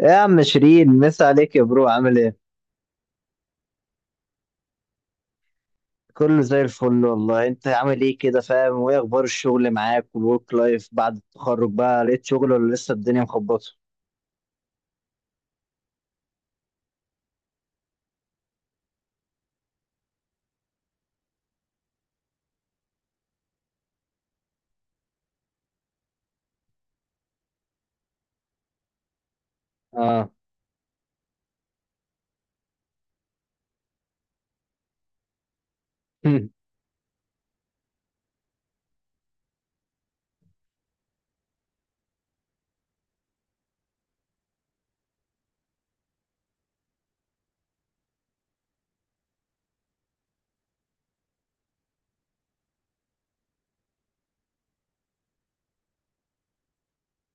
إيه يا عم شيرين، مسا عليك يا برو، عامل ايه؟ كله زي الفل والله. انت عامل ايه كده، فاهم؟ وايه اخبار الشغل معاك والورك لايف؟ بعد التخرج بقى لقيت شغل ولا لسه الدنيا مخبطه؟ اه.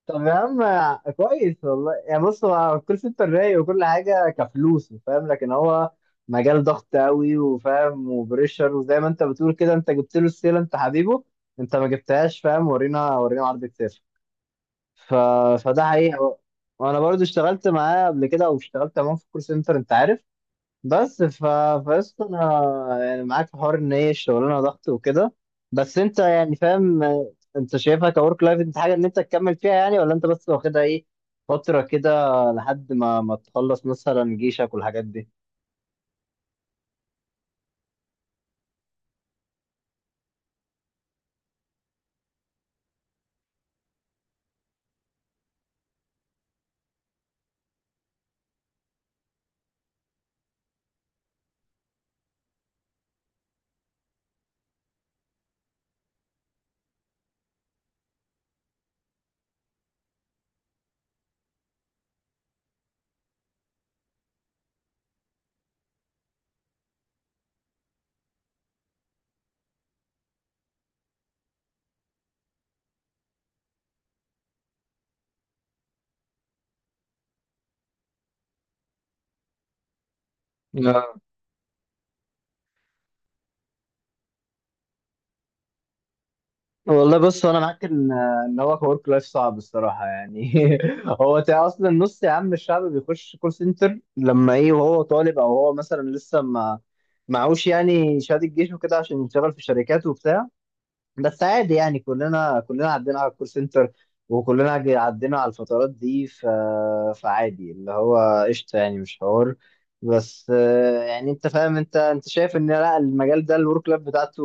طب يا عم، كويس والله. يعني بص، هو الكول سنتر رايق وكل حاجه كفلوس فاهم، لكن هو مجال ضغط قوي وفاهم وبريشر. وزي ما انت بتقول كده، انت جبت له السيله، انت حبيبه، انت ما جبتهاش فاهم. ورينا عرض كتير. ف... فده حقيقة بقى. وانا برضو اشتغلت معاه قبل كده، او اشتغلت معاه في كول سنتر انت عارف. بس فقسط انا يعني معاك في حوار ان هي الشغلانة ضغط وكده. بس انت يعني فاهم، انت شايفها كورك لايف، انت حاجة ان انت تكمل فيها يعني؟ ولا انت بس واخدها ايه، فترة كده لحد ما تخلص مثلا جيشك والحاجات دي؟ والله بص، هو انا معاك ان هو حوار لايف صعب الصراحه يعني. هو اصلا نص يا عم الشعب بيخش كول سنتر لما ايه، وهو طالب، او هو مثلا لسه ما معهوش يعني شهاده الجيش وكده عشان يشتغل في شركات وبتاع. بس عادي يعني، كلنا عدينا على الكول سنتر. وكلنا عدينا على الفترات دي. فعادي اللي هو قشطة يعني، مش حوار. بس يعني انت فاهم، انت شايف ان لا، المجال ده الورك لايف بتاعته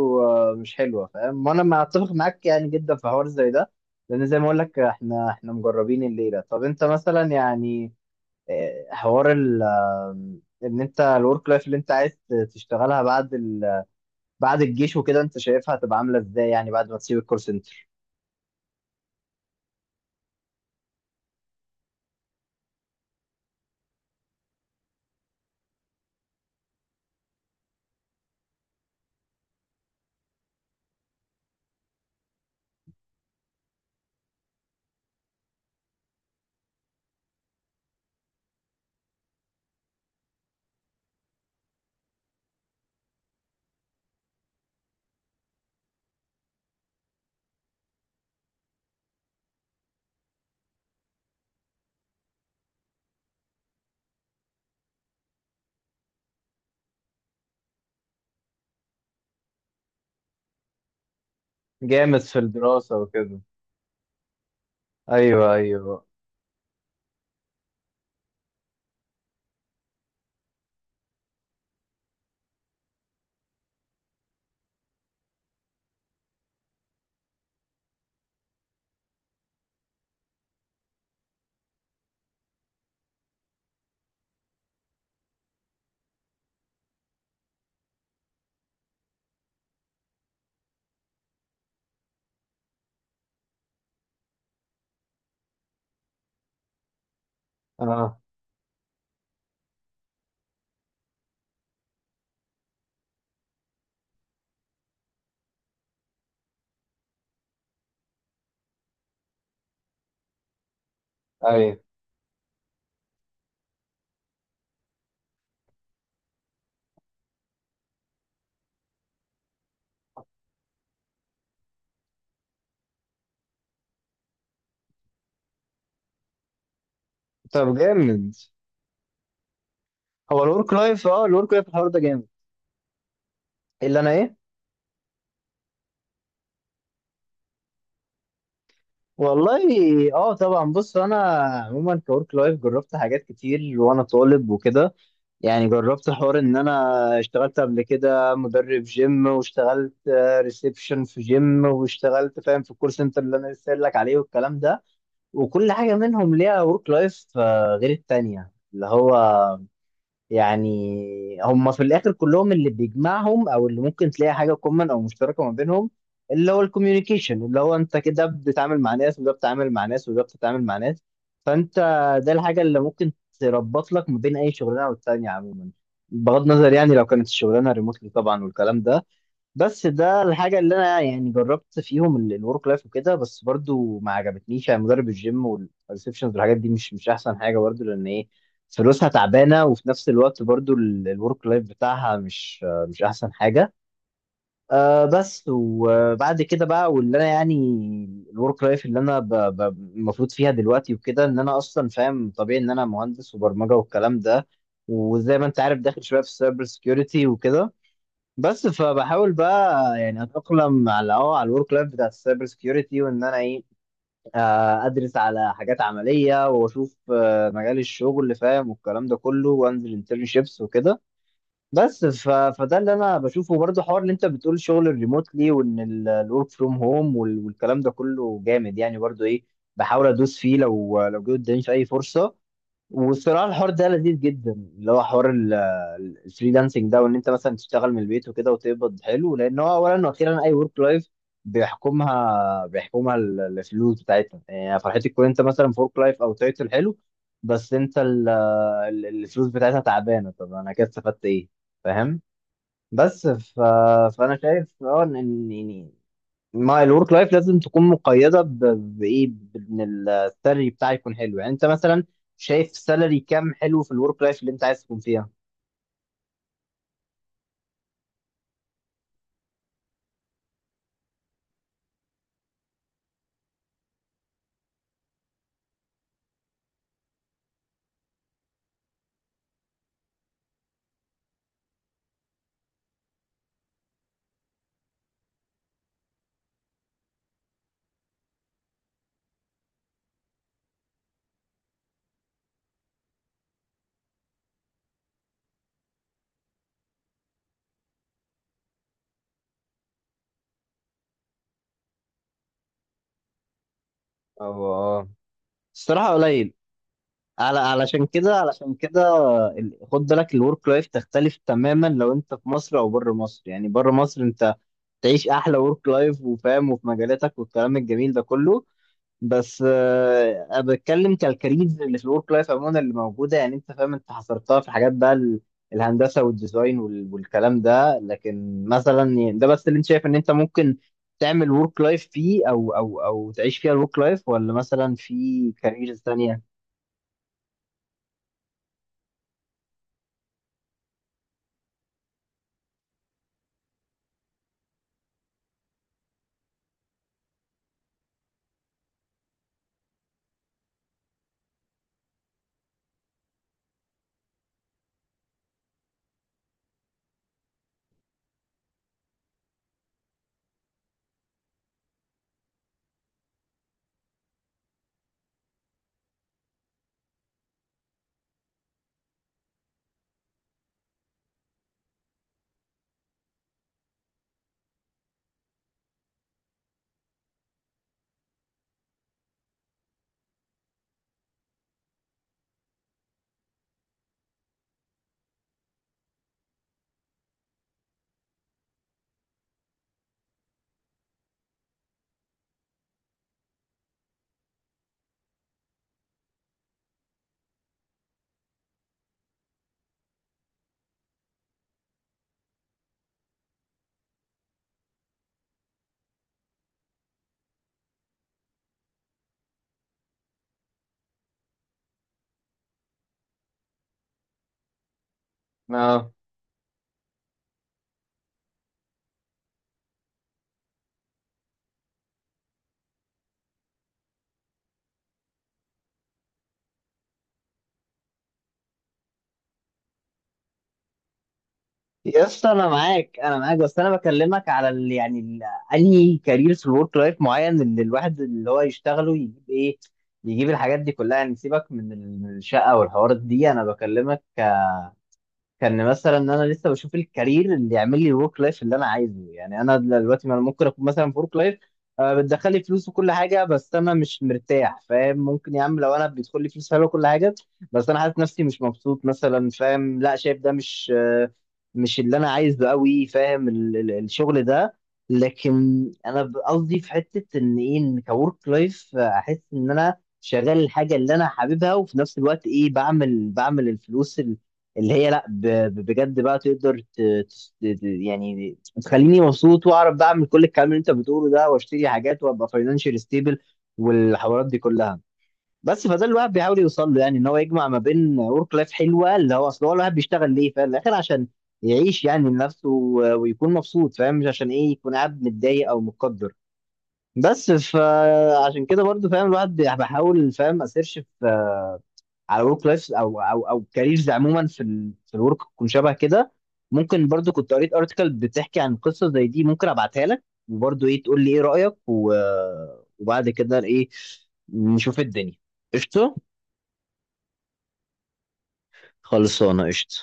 مش حلوه فاهم. وانا ما اتفق معاك يعني جدا في حوار زي ده، لان زي ما اقول لك احنا مجربين الليله. طب انت مثلا يعني، حوار ال آه، ان انت الورك لايف اللي انت عايز تشتغلها بعد الجيش وكده، انت شايفها هتبقى عامله ازاي يعني بعد ما تسيب الكول سنتر؟ جامد في الدراسه وكده. ايوه، ايوه. اه، ايوه. طب جامد. هو الورك لايف، الورك لايف الحوار ده جامد. اللي انا ايه. والله، اه، طبعا. بص انا عموما كورك لايف جربت حاجات كتير وانا طالب وكده. يعني جربت حوار ان انا اشتغلت قبل كده مدرب جيم، واشتغلت ريسبشن في جيم، واشتغلت فاهم في الكول سنتر اللي انا لسه قايل لك عليه والكلام ده. وكل حاجة منهم ليها ورك لايف غير التانية اللي هو. يعني هم في الآخر كلهم، اللي بيجمعهم أو اللي ممكن تلاقي حاجة كومن أو مشتركة ما بينهم، اللي هو الكوميونيكيشن، اللي هو أنت كده بتتعامل مع ناس، وده بتتعامل مع ناس، وده بتتعامل مع ناس. فأنت ده الحاجة اللي ممكن تربط لك ما بين أي شغلانة والتانية عموما، بغض النظر يعني لو كانت الشغلانة ريموتلي طبعا والكلام ده. بس ده الحاجة اللي أنا يعني جربت فيهم الورك لايف وكده، بس برضو ما عجبتنيش يعني. مدرب الجيم والريسبشنز والحاجات دي مش أحسن حاجة، برضو لأن إيه، فلوسها تعبانة، وفي نفس الوقت برضو الورك لايف بتاعها مش أحسن حاجة. بس وبعد كده بقى، واللي أنا يعني الورك لايف اللي أنا ب- المفروض فيها دلوقتي وكده، إن أنا أصلا فاهم طبيعي إن أنا مهندس وبرمجة والكلام ده. وزي ما أنت عارف، داخل شوية في السايبر سكيورتي وكده. بس فبحاول بقى يعني اتاقلم على على الورك لايف بتاع السايبر سكيورتي، وان انا ايه. ادرس على حاجات عمليه، واشوف مجال الشغل اللي فاهم والكلام ده كله، وانزل انترنشيبس وكده. بس فده اللي انا بشوفه برضه. حوار اللي انت بتقول شغل الريموتلي، وان الورك فروم هوم والكلام ده كله جامد يعني برضه ايه. بحاول ادوس فيه لو جه قدامي في اي فرصه. والصراحه الحوار ده لذيذ جدا، اللي هو حوار الفريلانسنج ده، وان انت مثلا تشتغل من البيت وكده وتقبض حلو، لان هو اولا واخيرا اي ورك لايف بيحكمها الفلوس بتاعتها يعني. فرحتي تكون انت مثلا في ورك لايف او تايتل حلو، بس انت الفلوس بتاعتها تعبانه، طب انا كده استفدت ايه فاهم؟ بس فانا شايف ان، يعني ما الورك لايف لازم تكون مقيده بايه، بان السالري بتاعي يكون حلو. يعني انت مثلا شايف سالري كام حلو في الورك لايف اللي انت عايز تكون فيها؟ أو الصراحه قليل. على علشان كده خد بالك الورك لايف تختلف تماما لو انت في مصر او بره مصر. يعني بره مصر انت تعيش احلى ورك لايف وفاهم وفي مجالاتك والكلام الجميل ده كله. بس انا بتكلم كالكاريرز اللي في الورك لايف عموما اللي موجوده. يعني انت فاهم، انت حصرتها في حاجات بقى، الهندسه والديزاين والكلام ده، لكن مثلا يعني ده بس اللي انت شايف ان انت ممكن تعمل ورك لايف فيه، او تعيش فيها الورك لايف، ولا مثلا في كاريرز تانية؟ يا اسطى انا معاك، انا معاك. بس انا بكلمك على ال يعني ال انهي كارير في الورك لايف معين اللي الواحد اللي هو يشتغله يجيب ايه، يجيب الحاجات دي كلها. يعني سيبك من من الشقه والحوارات دي. انا بكلمك كان مثلا ان انا لسه بشوف الكارير اللي يعمل لي الورك لايف اللي انا عايزه. يعني انا دلوقتي، ما انا ممكن اكون مثلا في ورك لايف بتدخل لي فلوس وكل حاجه، بس انا مش مرتاح فاهم. ممكن يا عم لو انا بيدخل لي فلوس حلوه وكل حاجه، بس انا حاسس نفسي مش مبسوط مثلا فاهم. لا، شايف ده مش، مش اللي انا عايزه قوي فاهم، الشغل ده. لكن انا قصدي في حته ان ايه، ان كورك لايف احس ان انا شغال الحاجه اللي انا حاببها، وفي نفس الوقت ايه، بعمل الفلوس اللي هي لا بجد بقى تقدر يعني تخليني مبسوط، واعرف بقى اعمل كل الكلام اللي انت بتقوله ده، واشتري حاجات، وابقى فاينانشال ستيبل، والحوارات دي كلها. بس فده اللي الواحد بيحاول يوصل له، يعني ان هو يجمع ما بين ورك لايف حلوه، اللي هو اصل هو الواحد بيشتغل ليه في الاخر عشان يعيش يعني لنفسه، ويكون مبسوط فاهم، مش عشان ايه يكون قاعد متضايق او متقدر. بس فعشان كده برضو فاهم، الواحد بيحاول فاهم اسيرش على ورك لايف، او كاريرز عموما في في الورك تكون شبه كده. ممكن برضو كنت قريت ارتكل بتحكي عن قصه زي دي، ممكن ابعتها لك، وبرضو ايه تقول لي ايه رايك وبعد كده ايه، نشوف الدنيا. قشطه. خلصانه قشطه.